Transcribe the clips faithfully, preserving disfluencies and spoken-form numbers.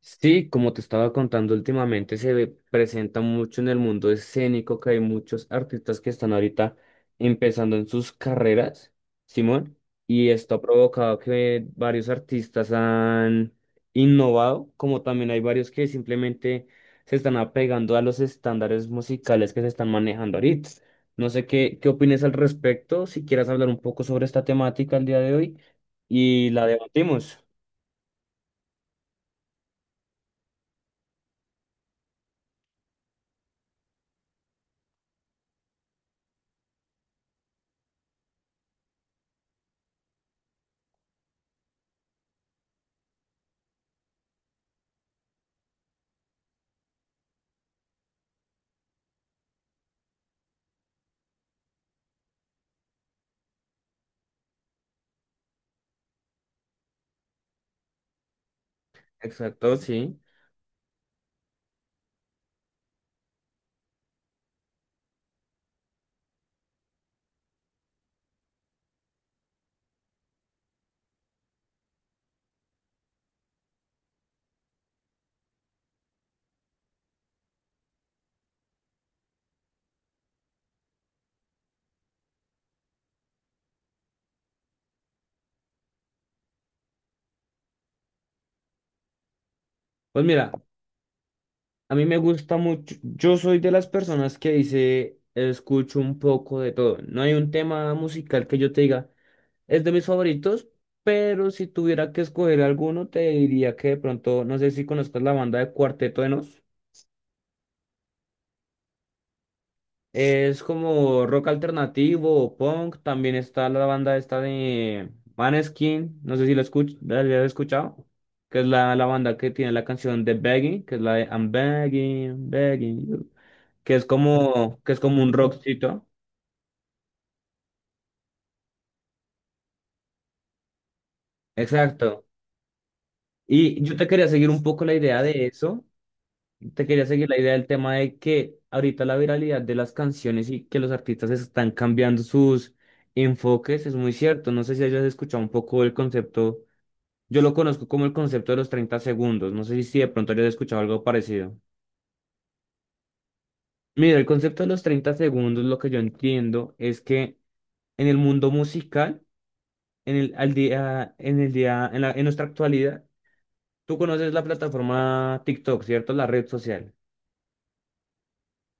Sí, como te estaba contando últimamente, se ve- presenta mucho en el mundo escénico que hay muchos artistas que están ahorita empezando en sus carreras, Simón, y esto ha provocado que varios artistas han innovado, como también hay varios que simplemente se están apegando a los estándares musicales que se están manejando ahorita. No sé qué, qué opinas al respecto, si quieras hablar un poco sobre esta temática el día de hoy y la debatimos. Exacto, sí. Pues mira. A mí me gusta mucho, yo soy de las personas que dice, escucho un poco de todo. No hay un tema musical que yo te diga, es de mis favoritos, pero si tuviera que escoger alguno, te diría que de pronto, no sé si conozcas la banda de Cuarteto de Nos. Es como rock alternativo o punk. También está la banda esta de Maneskin, no sé si la escuch la hayas escuchado, que es la, la banda que tiene la canción de Begging, que es la de "I'm begging, begging you". que es como, que es como un rockcito. Exacto. Y yo te quería seguir un poco la idea de eso. Te quería seguir la idea del tema de que ahorita la viralidad de las canciones y que los artistas están cambiando sus enfoques es muy cierto. No sé si hayas escuchado un poco el concepto. Yo lo conozco como el concepto de los treinta segundos. No sé si de pronto hayas escuchado algo parecido. Mira, el concepto de los treinta segundos, lo que yo entiendo es que en el mundo musical, en el, al día, en el día, en la- en nuestra actualidad. Tú conoces la plataforma TikTok, ¿cierto? La red social.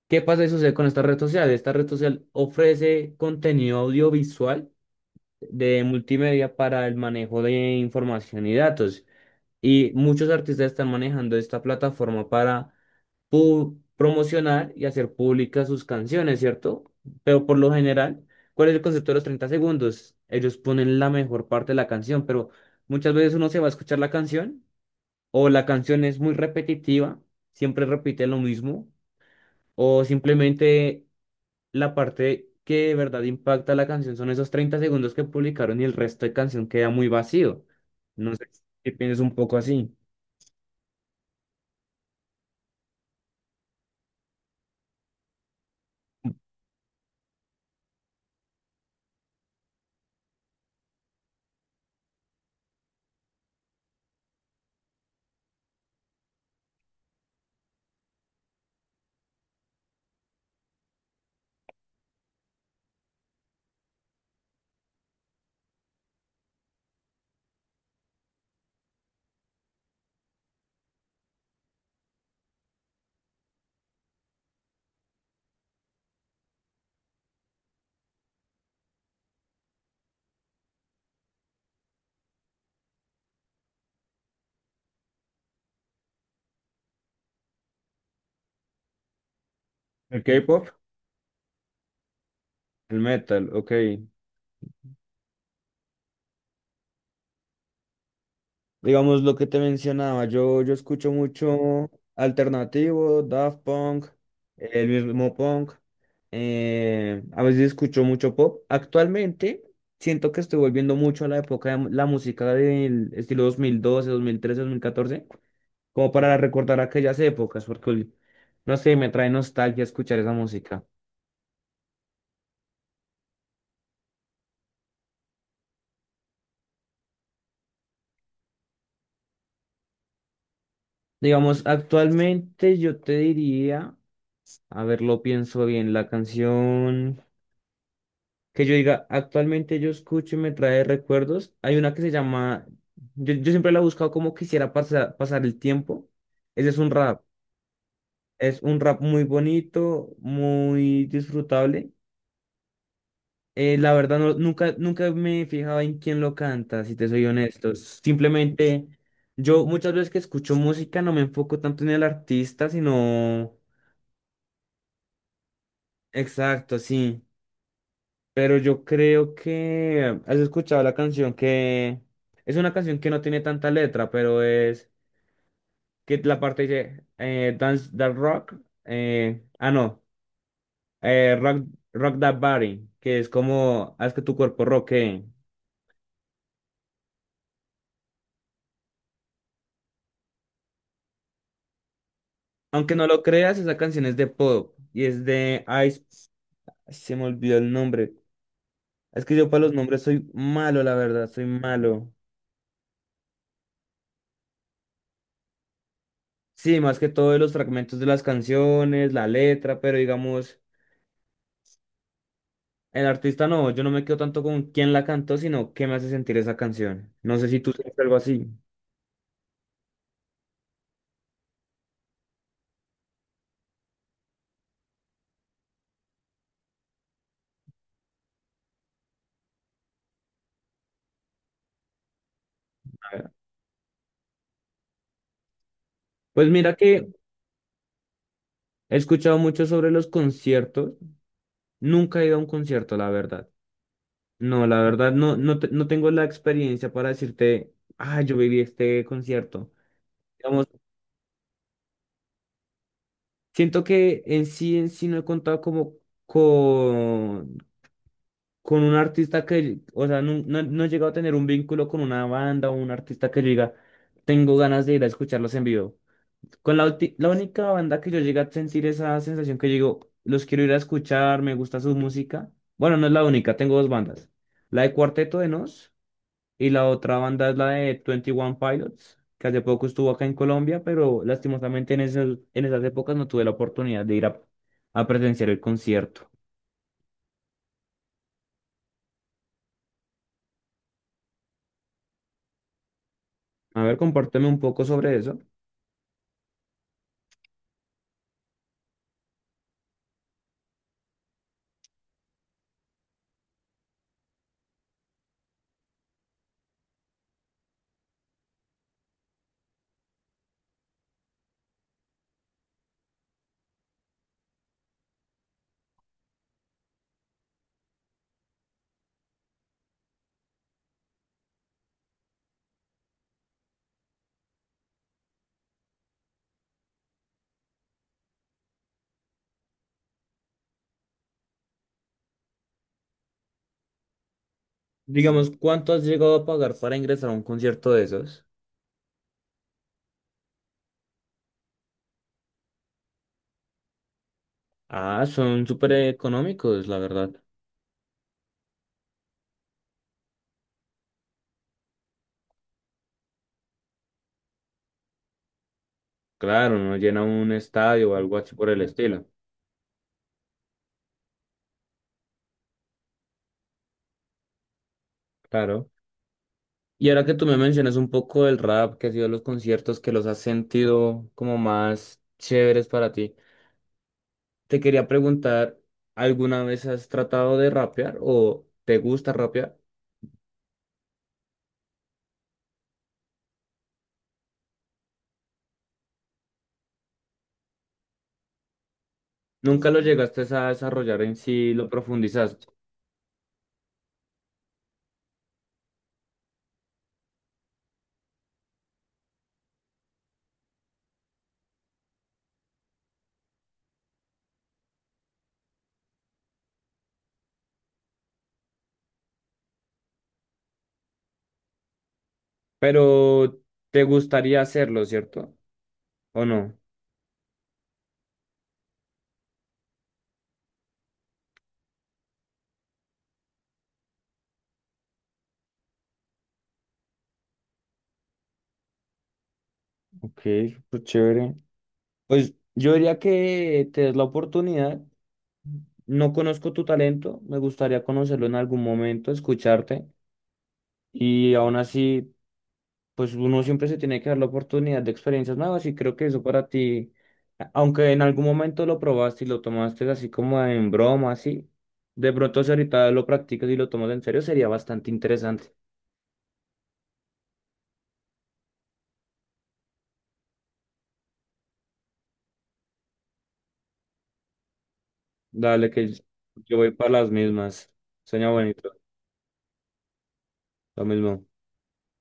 ¿Qué pasa y sucede con esta red social? Esta red social ofrece contenido audiovisual de multimedia para el manejo de información y datos. Y muchos artistas están manejando esta plataforma para pu- promocionar y hacer públicas sus canciones, ¿cierto? Pero por lo general, ¿cuál es el concepto de los treinta segundos? Ellos ponen la mejor parte de la canción, pero muchas veces uno se va a escuchar la canción, o la canción es muy repetitiva, siempre repite lo mismo, o simplemente la parte que de verdad impacta la canción son esos treinta segundos que publicaron y el resto de canción queda muy vacío. No sé si piensas un poco así. El K-pop. El metal, ok. Digamos lo que te mencionaba, yo, yo escucho mucho alternativo, Daft Punk, el mismo punk, eh, a veces escucho mucho pop. Actualmente siento que estoy volviendo mucho a la época de la música del estilo dos mil doce, dos mil trece, dos mil catorce, como para recordar aquellas épocas, porque no sé, me trae nostalgia escuchar esa música. Digamos, actualmente yo te diría, a ver, lo pienso bien, la canción. Que yo diga, actualmente yo escucho y me trae recuerdos. Hay una que se llama, yo, yo siempre la he buscado como quisiera pasar, pasar el tiempo. Ese es un rap, es un rap muy bonito, muy disfrutable. Eh, la verdad, no- nunca, nunca me he fijado en quién lo canta, si te soy honesto. Simplemente, yo muchas veces que escucho música no me enfoco tanto en el artista, sino. Exacto, sí. Pero yo creo que has escuchado la canción, que es una canción que no tiene tanta letra, pero es que la parte dice eh, Dance That Rock, eh, ah no, eh, rock, Rock That Body, que es como haz que tu cuerpo rockee. Aunque no lo creas, esa canción es de pop y es de Ice, se me olvidó el nombre. Es que yo para los nombres soy malo, la verdad, soy malo. Sí, más que todo de los fragmentos de las canciones, la letra, pero digamos. El artista no, yo no me quedo tanto con quién la cantó, sino qué me hace sentir esa canción. No sé si tú sientes algo así. A ver. Pues mira que he escuchado mucho sobre los conciertos. Nunca he ido a un concierto, la verdad. No, la verdad, no, no, te- no tengo la experiencia para decirte, ah, yo viví este concierto. Digamos, siento que en sí, en sí no he contado como con, con un artista que, o sea, no, no, no he llegado a tener un vínculo con una banda o un artista que yo diga, tengo ganas de ir a escucharlos en vivo. Con la, ulti- la única banda que yo llegué a sentir esa sensación que digo, los quiero ir a escuchar, me gusta su música. Bueno, no es la única, tengo dos bandas. La de Cuarteto de Nos y la otra banda es la de Twenty One Pilots, que hace poco estuvo acá en Colombia, pero lastimosamente en esas, en esas épocas no tuve la oportunidad de ir a, a presenciar el concierto. A ver, compárteme un poco sobre eso. Digamos, ¿cuánto has llegado a pagar para ingresar a un concierto de esos? Ah, son súper económicos, la verdad. Claro, no llena un estadio o algo así por el estilo. Claro. Y ahora que tú me mencionas un poco del rap, que ha sido los conciertos que los has sentido como más chéveres para ti, te quería preguntar, ¿alguna vez has tratado de rapear o te gusta rapear? Nunca lo llegaste a desarrollar en sí, lo profundizaste, pero te gustaría hacerlo, ¿cierto? ¿O no? Ok, súper chévere. Pues yo diría que te des la oportunidad. No conozco tu talento, me gustaría conocerlo en algún momento, escucharte y aún así, pues uno siempre se tiene que dar la oportunidad de experiencias nuevas y creo que eso para ti, a- aunque en algún momento lo probaste y lo tomaste así como en broma, así, de pronto si ahorita lo practicas y lo tomas en serio sería bastante interesante. Dale que yo voy para las mismas, sueña bonito, lo mismo.